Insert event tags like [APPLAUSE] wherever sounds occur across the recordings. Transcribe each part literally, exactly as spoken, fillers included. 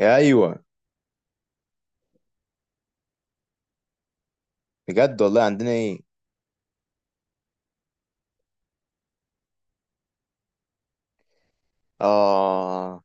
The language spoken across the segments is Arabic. ايوه. بجد والله؟ عندنا ايه؟ اه،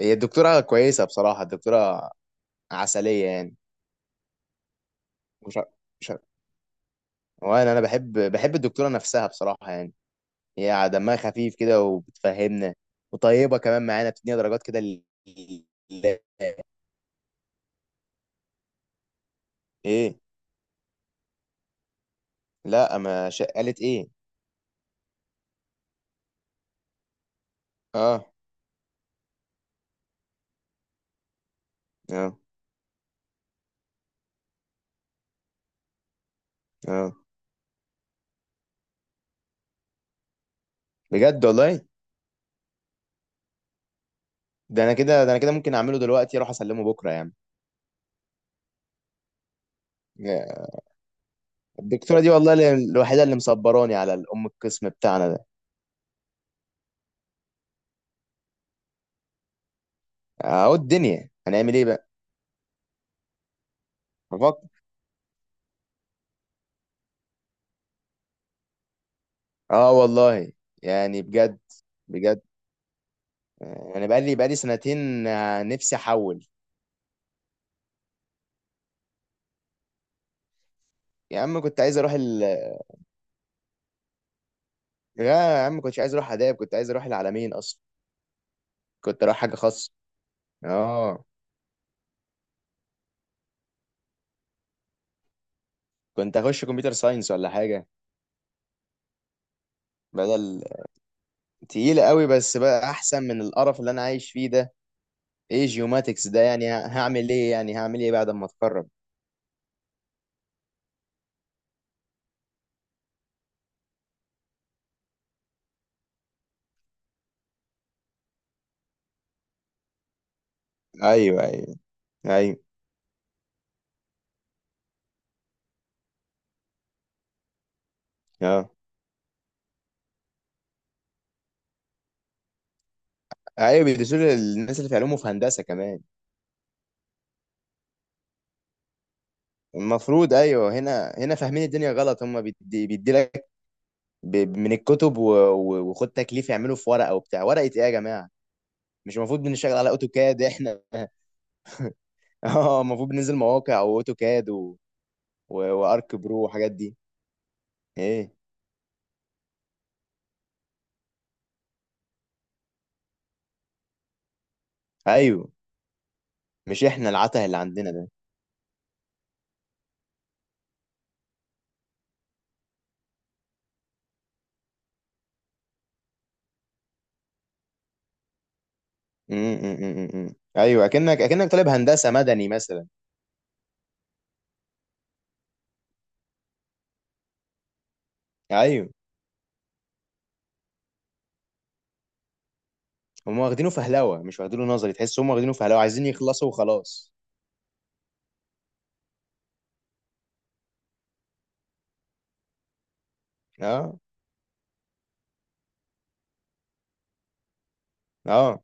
هي الدكتوره كويسه بصراحه. الدكتوره عسليه يعني. مش ع- مش ع- وانا انا بحب بحب الدكتوره نفسها بصراحه يعني. هي دمها خفيف كده وبتفهمنا، وطيبه كمان معانا، بتدينا درجات كده. ال- ال- ايه؟ لا، ما ش- قالت ايه؟ اه. اه. اه، بجد والله. ده انا كده ده انا كده ممكن اعمله دلوقتي، اروح اسلمه بكره يعني. الدكتوره دي والله ال- الوحيده اللي مصبراني على الام القسم بتاعنا ده. اهو، الدنيا هنعمل ايه بقى. بفكر. اه والله. يعني بجد. بجد. آه، انا بقالي بقالي سنتين، آه، نفسي احول. يا عم، كنت عايز اروح ال لا يا عم، كنتش عايز اروح اداب، كنت عايز اروح العالمين اصلا. كنت اروح حاجه خاصه. اه. كنت اخش كمبيوتر ساينس ولا حاجه. بدل. تقيله قوي، بس بقى احسن من القرف اللي انا عايش فيه ده. ايه جيوماتكس ده يعني؟ ه- هعمل ايه يعني؟ هعمل ايه بعد ما اتخرج؟ ايوه، ايوه، ايوه. اه، ايوه، بيدرسوا للناس اللي في علوم وفي هندسه كمان. المفروض. ايوه، هنا هنا فاهمين الدنيا غلط. هم بيدي بيدي لك ب- من الكتب و- و- وخد تكليف، يعملوا في ورقه وبتاع. ورقه ايه يا جماعه؟ مش المفروض بنشتغل على اوتوكاد احنا؟ [LAUGHS] اه، المفروض بننزل مواقع، واوتوكاد، و... و... وارك برو والحاجات دي. ايه. ايوه. مش احنا العته اللي عندنا ده. م- م- م- م- م. ايوه، اكنك اكنك طالب هندسه مدني مثلا. ايوه. هم واخدينه فهلوه، مش واخدينه نظري. تحس هم واخدينه فهلوه، عايزين يخلصوا وخلاص. اه. اه.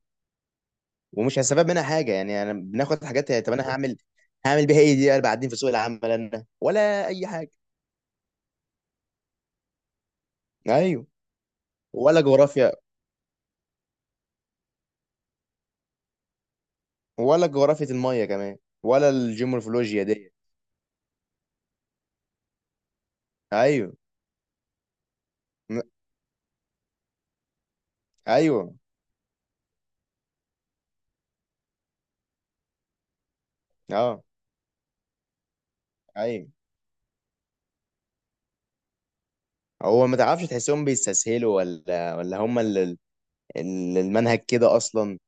ومش هستفاد منها حاجه يعني، انا بناخد حاجات. طب انا هعمل هعمل بيها ايه دي بعدين في سوق العمل انا، ولا اي حاجه. ايوه. ولا جغرافيا. ولا جغرافيا الميه كمان. ولا الجيومورفولوجيا دي. ايوه. م- ايوه. اه. ايوه. هو ما تعرفش، تحسهم بيستسهلوا ولا ولا هم اللي اللي المنهج كده اصلا؟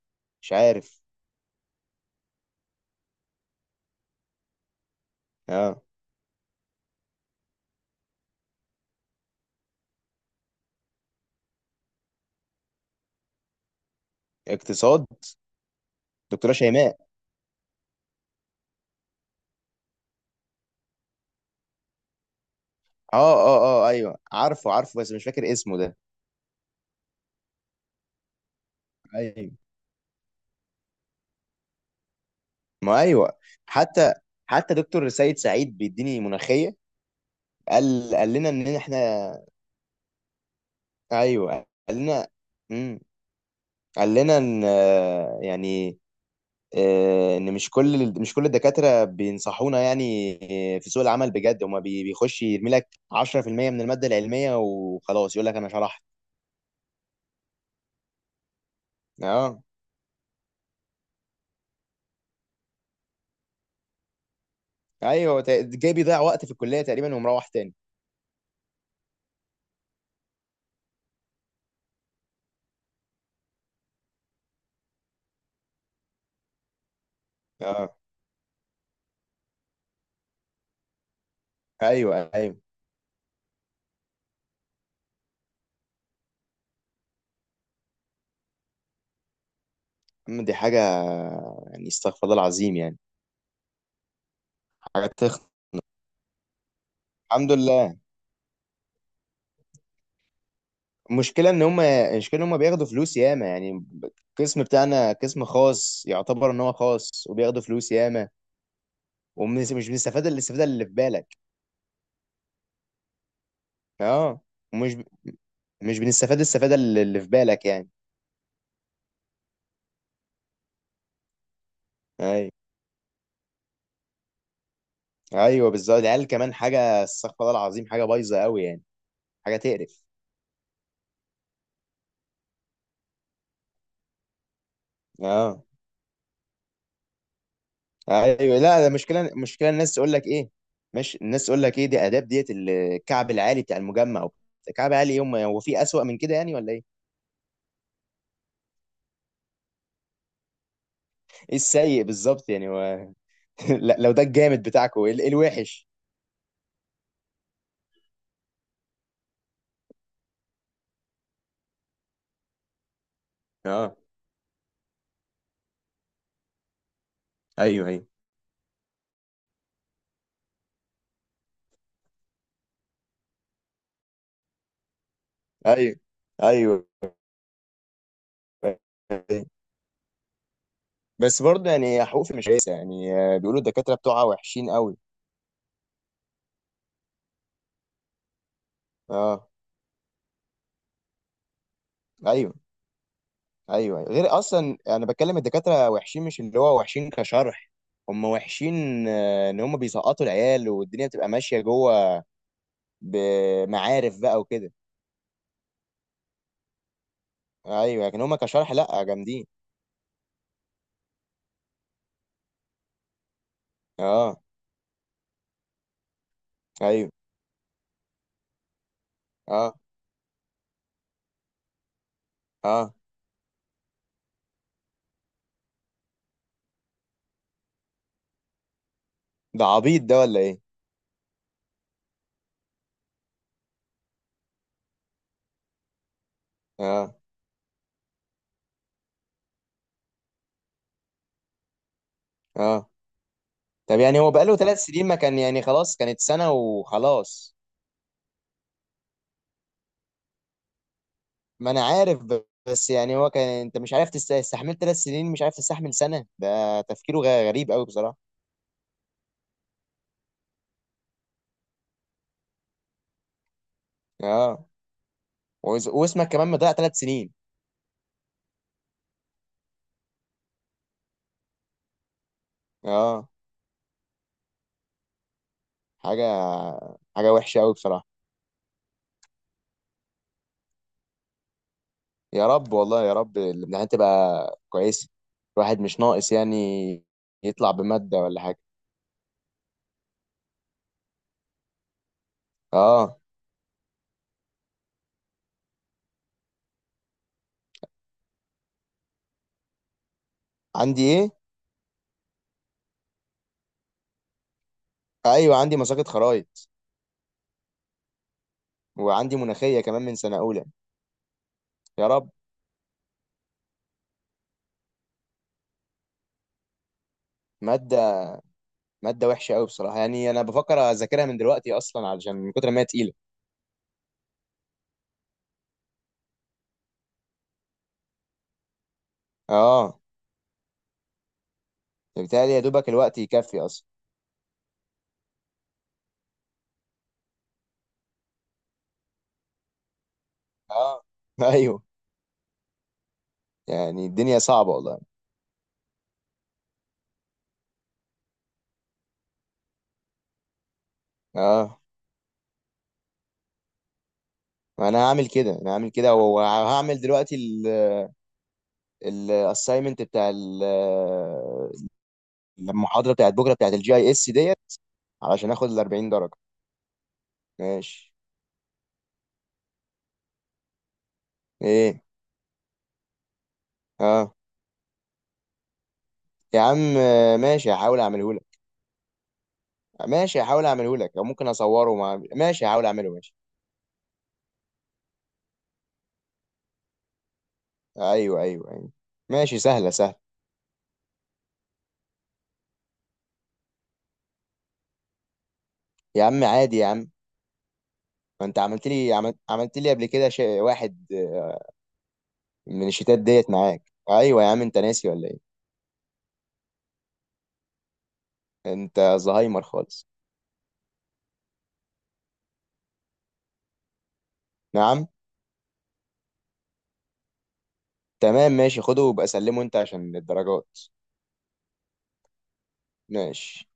مش عارف. اه. اقتصاد. دكتوره شيماء. اه. اه. اه، ايوه، عارفه عارفه، بس مش فاكر اسمه ده. ايوه. ما ايوه. حتى حتى دكتور سيد سعيد بيديني مناخيه، قال قال لنا ان احنا. ايوه، قال لنا. امم قال لنا ان آه، يعني، آه، ان مش كل مش كل الدكاتره بينصحونا يعني. آه، في سوق العمل بجد، هما بي- بيخش يرمي لك عشرة في المية من الماده العلميه وخلاص، يقول لك انا شرحت. اه، ايوه، ت- جاي بيضيع وقت في الكليه تقريبا ومروح تاني. اه. ايوه. ايوه. أما دي حاجه يعني. استغفر الله العظيم يعني. حاجه تخ... الحمد لله. المشكله ان هم المشكله ان هم بياخدوا فلوس ياما يعني. القسم بتاعنا قسم خاص، يعتبر ان هو خاص، وبياخدوا فلوس ياما، ومش مش بنستفاد الاستفاده اللي في بالك. اه. ومش ب- مش بنستفاد الاستفاده اللي اللي في بالك يعني. ايوه، ايوه، بالظبط. العيال كمان حاجه، استغفر الله العظيم، حاجه بايظه قوي يعني. حاجه تقرف. اه. ايوه، لا ده مشكله مشكله الناس تقول لك ايه؟ ماشي، الناس تقول لك ايه دي؟ اداب ديت الكعب العالي بتاع المجمع. الكعب العالي يوم هو في اسوأ من كده يعني؟ ولا ايه؟ ايه السيء بالظبط يعني؟ لا، لو ده الجامد بتاعكم ال- الوحش. اه. ايوه. ايوه. ايوه. ايوه. أيوة. بس برضه يعني حقوق مش كويسه يعني، آه، بيقولوا الدكاتره بتوعها وحشين قوي. اه. ايوه. ايوه. أيوه. غير اصلا انا بتكلم الدكاتره وحشين، مش اللي هو وحشين كشرح. هم وحشين آه، ان هم بيسقطوا العيال، والدنيا بتبقى ماشيه جوه بمعارف بقى وكده. ايوه. لكن هم كشرح لا، جامدين. اه. ايوه. اه. اه. ده عبيط ده ولا ايه؟ اه. اه. طب يعني هو بقاله ثلاث سنين؟ ما كان يعني خلاص كانت سنة وخلاص. ما انا عارف، ب- بس يعني هو كان، انت مش عارف تستحمل ثلاث سنين، مش عارف تستحمل سنة؟ ده تفكيره غ- غريب قوي بصراحة. اه. وز- واسمك كمان مضيع ثلاث سنين. اه. حاجة حاجة وحشة قوي بصراحة. يا رب، والله يا رب الامتحانات تبقى كويسة. الواحد مش ناقص يعني يطلع بمادة ولا حاجة. اه. عندي ايه؟ ايوه، عندي مساقط خرايط، وعندي مناخية كمان من سنة اولى. يا رب. مادة مادة وحشة قوي بصراحة يعني. أنا بفكر أذاكرها من دلوقتي أصلا علشان من كتر ما هي تقيلة. أه، بالتالي يا دوبك الوقت يكفي أصلا. أه. [LAUGHS] أيوه. يعني الدنيا صعبة والله. أه، أنا هعمل كده. أنا هعمل كده وهعمل دلوقتي ال الأسايمنت بتاع ال- المحاضرة بتاعت بكرة بتاعت الجي أي إس ديت، علشان آخد ال أربعين درجة. ماشي. إيه؟ أه. يا عم. ماشي، هحاول أعمله لك. ماشي هحاول أعمله لك أو ممكن أصوره مع... ماشي، هحاول أعمله. ماشي. ايوه، ايوه، ايوه. ماشي. سهله سهله. يا عم، عادي يا عم. ما انت عملت لي، عملت, عملت لي قبل كده شيء واحد، آه، من الشتات ديت معاك. ايوه يا عم، انت ناسي ولا ايه؟ انت زهايمر خالص. نعم. تمام، ماشي، خده وبقى سلمه انت عشان الدرجات. ماشي.